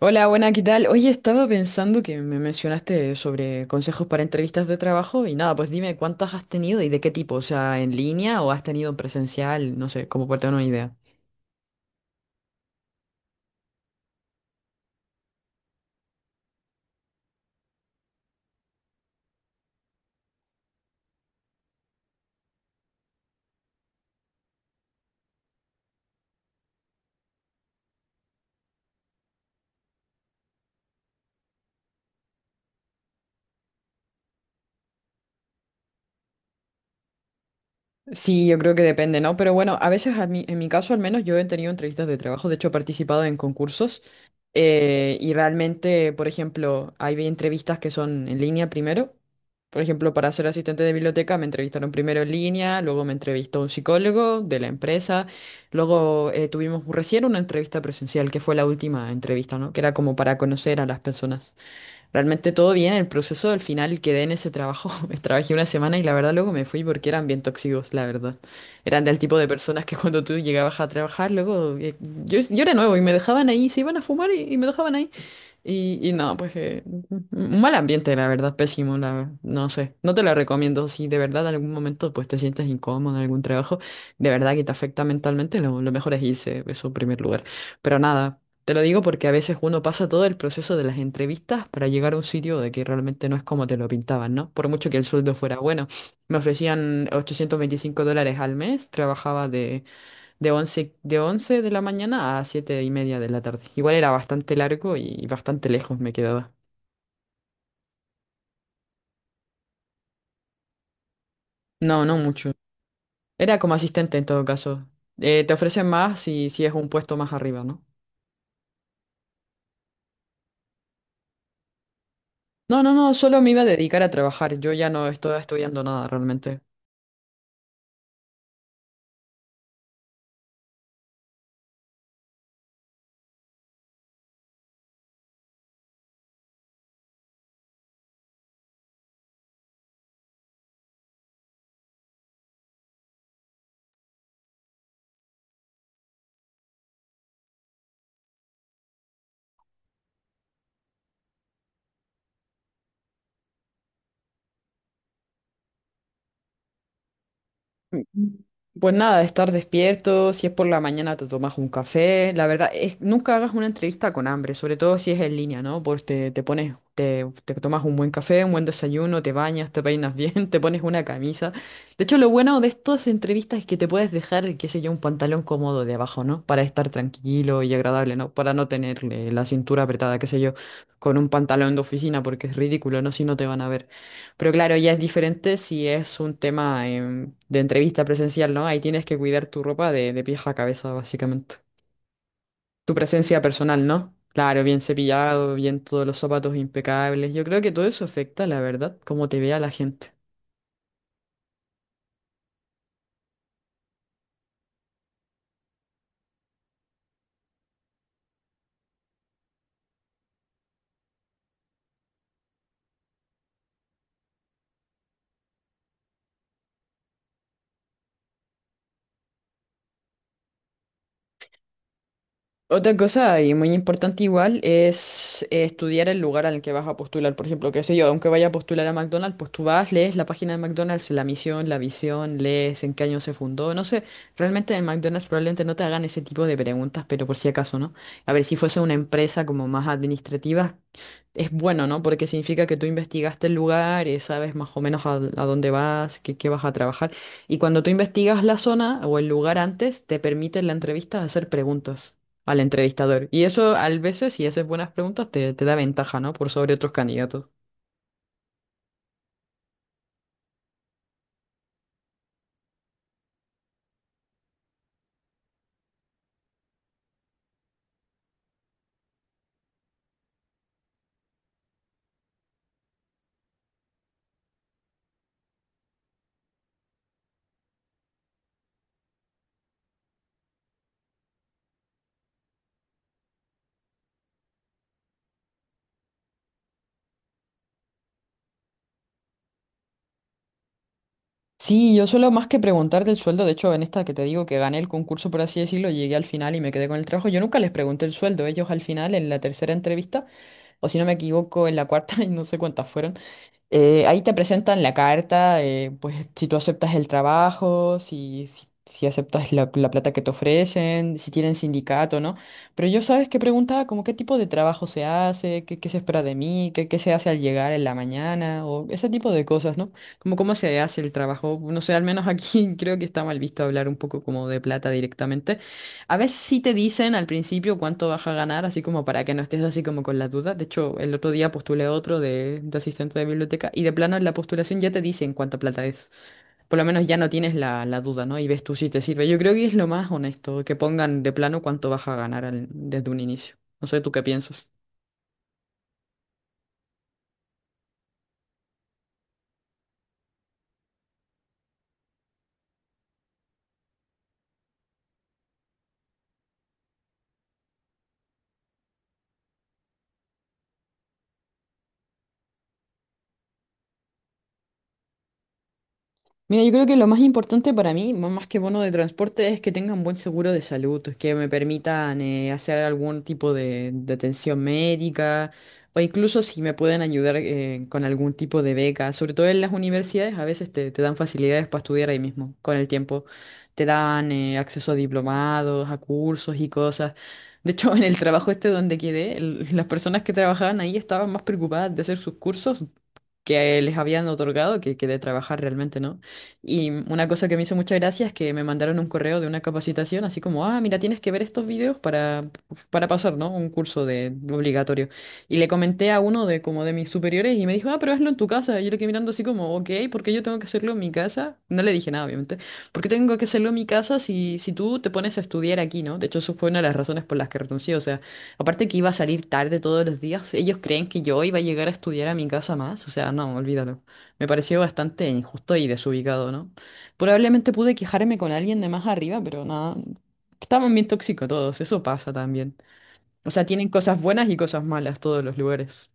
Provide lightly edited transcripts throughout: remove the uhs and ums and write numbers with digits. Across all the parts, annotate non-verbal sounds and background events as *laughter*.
Hola, buena, ¿qué tal? Oye, estaba pensando que me mencionaste sobre consejos para entrevistas de trabajo y nada, pues dime cuántas has tenido y de qué tipo, o sea, en línea o has tenido presencial, no sé, como para tener una idea. Sí, yo creo que depende, ¿no? Pero bueno, a veces a mí, en mi caso al menos yo he tenido entrevistas de trabajo, de hecho he participado en concursos, y realmente, por ejemplo, hay entrevistas que son en línea primero. Por ejemplo, para ser asistente de biblioteca me entrevistaron primero en línea, luego me entrevistó un psicólogo de la empresa, luego tuvimos recién una entrevista presencial, que fue la última entrevista, ¿no? Que era como para conocer a las personas. Realmente todo bien, el proceso del final quedé en ese trabajo. *laughs* Me Trabajé una semana y la verdad luego me fui porque eran bien tóxicos, la verdad. Eran del tipo de personas que *laughs* cuando tú llegabas a trabajar, luego yo era nuevo y me dejaban ahí, se iban a fumar y me dejaban ahí. Y no, pues un mal ambiente, la verdad, pésimo, no sé, no te lo recomiendo. Si de verdad en algún momento pues te sientes incómodo en algún trabajo, de verdad que te afecta mentalmente, lo mejor es irse, eso en primer lugar. Pero nada. Te lo digo porque a veces uno pasa todo el proceso de las entrevistas para llegar a un sitio de que realmente no es como te lo pintaban, ¿no? Por mucho que el sueldo fuera bueno. Me ofrecían $825 al mes, trabajaba de once de la mañana a 7:30 de la tarde. Igual era bastante largo y bastante lejos me quedaba. No, no mucho. Era como asistente en todo caso. Te ofrecen más si es un puesto más arriba, ¿no? No, no, no, solo me iba a dedicar a trabajar. Yo ya no estoy estudiando nada realmente. Mm, Pues nada, estar despierto, si es por la mañana te tomas un café. La verdad es nunca hagas una entrevista con hambre, sobre todo si es en línea, ¿no? Porque te pones, te tomas un buen café, un buen desayuno, te bañas, te peinas bien, *laughs* te pones una camisa. De hecho, lo bueno de estas entrevistas es que te puedes dejar, qué sé yo, un pantalón cómodo de abajo, ¿no? Para estar tranquilo y agradable, ¿no? Para no tener la cintura apretada, qué sé yo, con un pantalón de oficina, porque es ridículo, ¿no? Si no te van a ver. Pero claro, ya es diferente si es un tema de entrevista presencial, ¿no? Ahí tienes que cuidar tu ropa de pies a cabeza, básicamente. Tu presencia personal, ¿no? Claro, bien cepillado, bien todos los zapatos impecables. Yo creo que todo eso afecta, la verdad, cómo te vea la gente. Otra cosa y muy importante igual es estudiar el lugar al que vas a postular. Por ejemplo, qué sé yo, aunque vaya a postular a McDonald's, pues tú vas, lees la página de McDonald's, la misión, la visión, lees en qué año se fundó. No sé, realmente en McDonald's probablemente no te hagan ese tipo de preguntas, pero por si acaso, ¿no? A ver, si fuese una empresa como más administrativa, es bueno, ¿no? Porque significa que tú investigaste el lugar, sabes más o menos a dónde vas, qué vas a trabajar. Y cuando tú investigas la zona o el lugar antes, te permite en la entrevista hacer preguntas al entrevistador. Y eso, a veces, si haces buenas preguntas, te da ventaja, ¿no? Por sobre otros candidatos. Sí, yo solo más que preguntar del sueldo, de hecho, en esta que te digo que gané el concurso, por así decirlo, llegué al final y me quedé con el trabajo. Yo nunca les pregunté el sueldo, ellos al final, en la tercera entrevista, o si no me equivoco, en la cuarta, *laughs* y no sé cuántas fueron. Ahí te presentan la carta, pues si tú aceptas el trabajo, si aceptas la plata que te ofrecen, si tienen sindicato, ¿no? Pero yo sabes que preguntaba como qué tipo de trabajo se hace, qué se espera de mí, qué se hace al llegar en la mañana, o ese tipo de cosas, ¿no? Como cómo se hace el trabajo. No sé, al menos aquí *laughs* creo que está mal visto hablar un poco como de plata directamente. A veces sí te dicen al principio cuánto vas a ganar, así como para que no estés así como con la duda. De hecho, el otro día postulé otro de asistente de biblioteca y de plano en la postulación ya te dicen cuánta plata es. Por lo menos ya no tienes la duda, ¿no? Y ves tú si te sirve. Yo creo que es lo más honesto, que pongan de plano cuánto vas a ganar desde un inicio. No sé, ¿tú qué piensas? Mira, yo creo que lo más importante para mí, más que bono de transporte, es que tengan buen seguro de salud, que me permitan hacer algún tipo de atención médica o incluso si me pueden ayudar con algún tipo de beca. Sobre todo en las universidades, a veces te dan facilidades para estudiar ahí mismo, con el tiempo. Te dan acceso a diplomados, a cursos y cosas. De hecho, *laughs* en el trabajo este donde quedé, el- las personas que trabajaban ahí estaban más preocupadas de hacer sus cursos que les habían otorgado, que de trabajar realmente, ¿no? Y una cosa que me hizo mucha gracia es que me mandaron un correo de una capacitación, así como, ah, mira, tienes que ver estos videos para pasar, ¿no? Un curso de obligatorio. Y le comenté a uno de como de mis superiores y me dijo, ah, pero hazlo en tu casa. Y yo le quedé mirando así como, ok, ¿por qué yo tengo que hacerlo en mi casa? No le dije nada, obviamente. ¿Por qué tengo que hacerlo en mi casa si, si tú te pones a estudiar aquí, ¿no? De hecho, eso fue una de las razones por las que renuncié, o sea... Aparte que iba a salir tarde todos los días, ellos creen que yo iba a llegar a estudiar a mi casa más, o sea, no, olvídalo. Me pareció bastante injusto y desubicado, ¿no? Probablemente pude quejarme con alguien de más arriba, pero nada, estaban bien tóxicos todos, eso pasa también. O sea, tienen cosas buenas y cosas malas todos los lugares.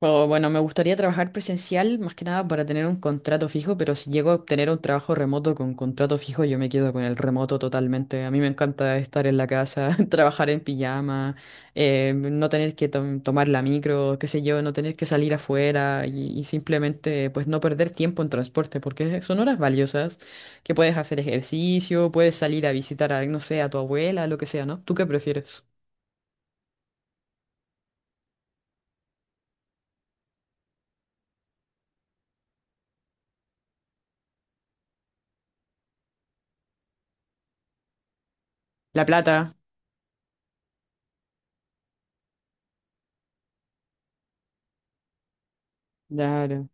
O, bueno, me gustaría trabajar presencial más que nada para tener un contrato fijo, pero si llego a obtener un trabajo remoto con contrato fijo, yo me quedo con el remoto totalmente. A mí me encanta estar en la casa, *laughs* trabajar en pijama, no tener que tomar la micro, qué sé yo, no tener que salir afuera y simplemente pues no perder tiempo en transporte, porque son horas valiosas que puedes hacer ejercicio, puedes salir a visitar a, no sé, a tu abuela, lo que sea, ¿no? ¿Tú qué prefieres? La plata. Claro.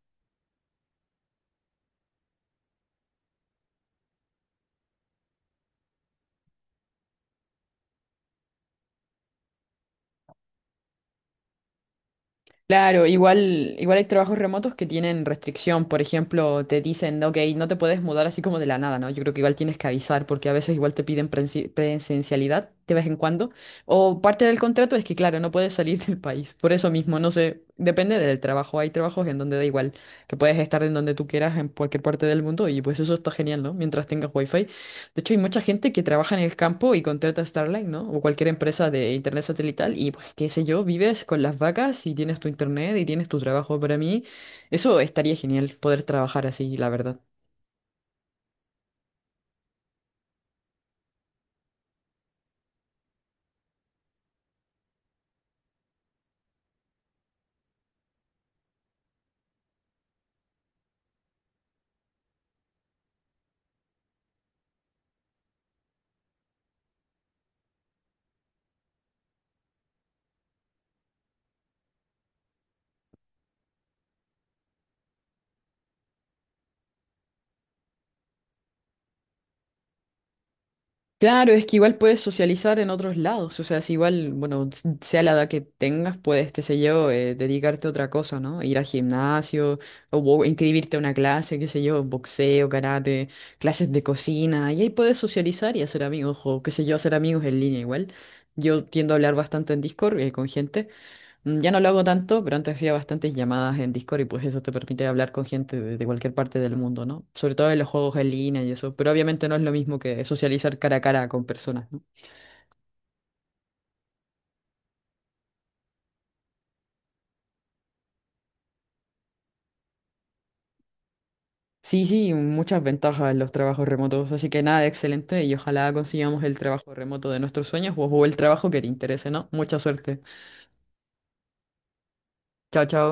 Claro, igual, igual hay trabajos remotos que tienen restricción, por ejemplo, te dicen, ok, no te puedes mudar así como de la nada, ¿no? Yo creo que igual tienes que avisar porque a veces igual te piden presencialidad de vez en cuando, o parte del contrato es que, claro, no puedes salir del país, por eso mismo, no sé, depende del trabajo, hay trabajos en donde da igual, que puedes estar en donde tú quieras, en cualquier parte del mundo, y pues eso está genial, ¿no? Mientras tengas wifi de hecho, hay mucha gente que trabaja en el campo y contrata a Starlink, ¿no? O cualquier empresa de internet satelital y pues qué sé yo, vives con las vacas y tienes tu internet y tienes tu trabajo. Para mí, eso estaría genial poder trabajar así, la verdad. Claro, es que igual puedes socializar en otros lados, o sea, si igual, bueno, sea la edad que tengas, puedes, qué sé yo, dedicarte a otra cosa, ¿no? Ir al gimnasio, o, inscribirte a una clase, qué sé yo, boxeo, karate, clases de cocina, y ahí puedes socializar y hacer amigos, o qué sé yo, hacer amigos en línea igual. Yo tiendo a hablar bastante en Discord, con gente. Ya no lo hago tanto, pero antes hacía bastantes llamadas en Discord y pues eso te permite hablar con gente de cualquier parte del mundo, ¿no? Sobre todo en los juegos en línea y eso, pero obviamente no es lo mismo que socializar cara a cara con personas, ¿no? Sí, sí, muchas ventajas en los trabajos remotos, así que nada, excelente y ojalá consigamos el trabajo remoto de nuestros sueños o el trabajo que te interese, ¿no? Mucha suerte. Chao, chao.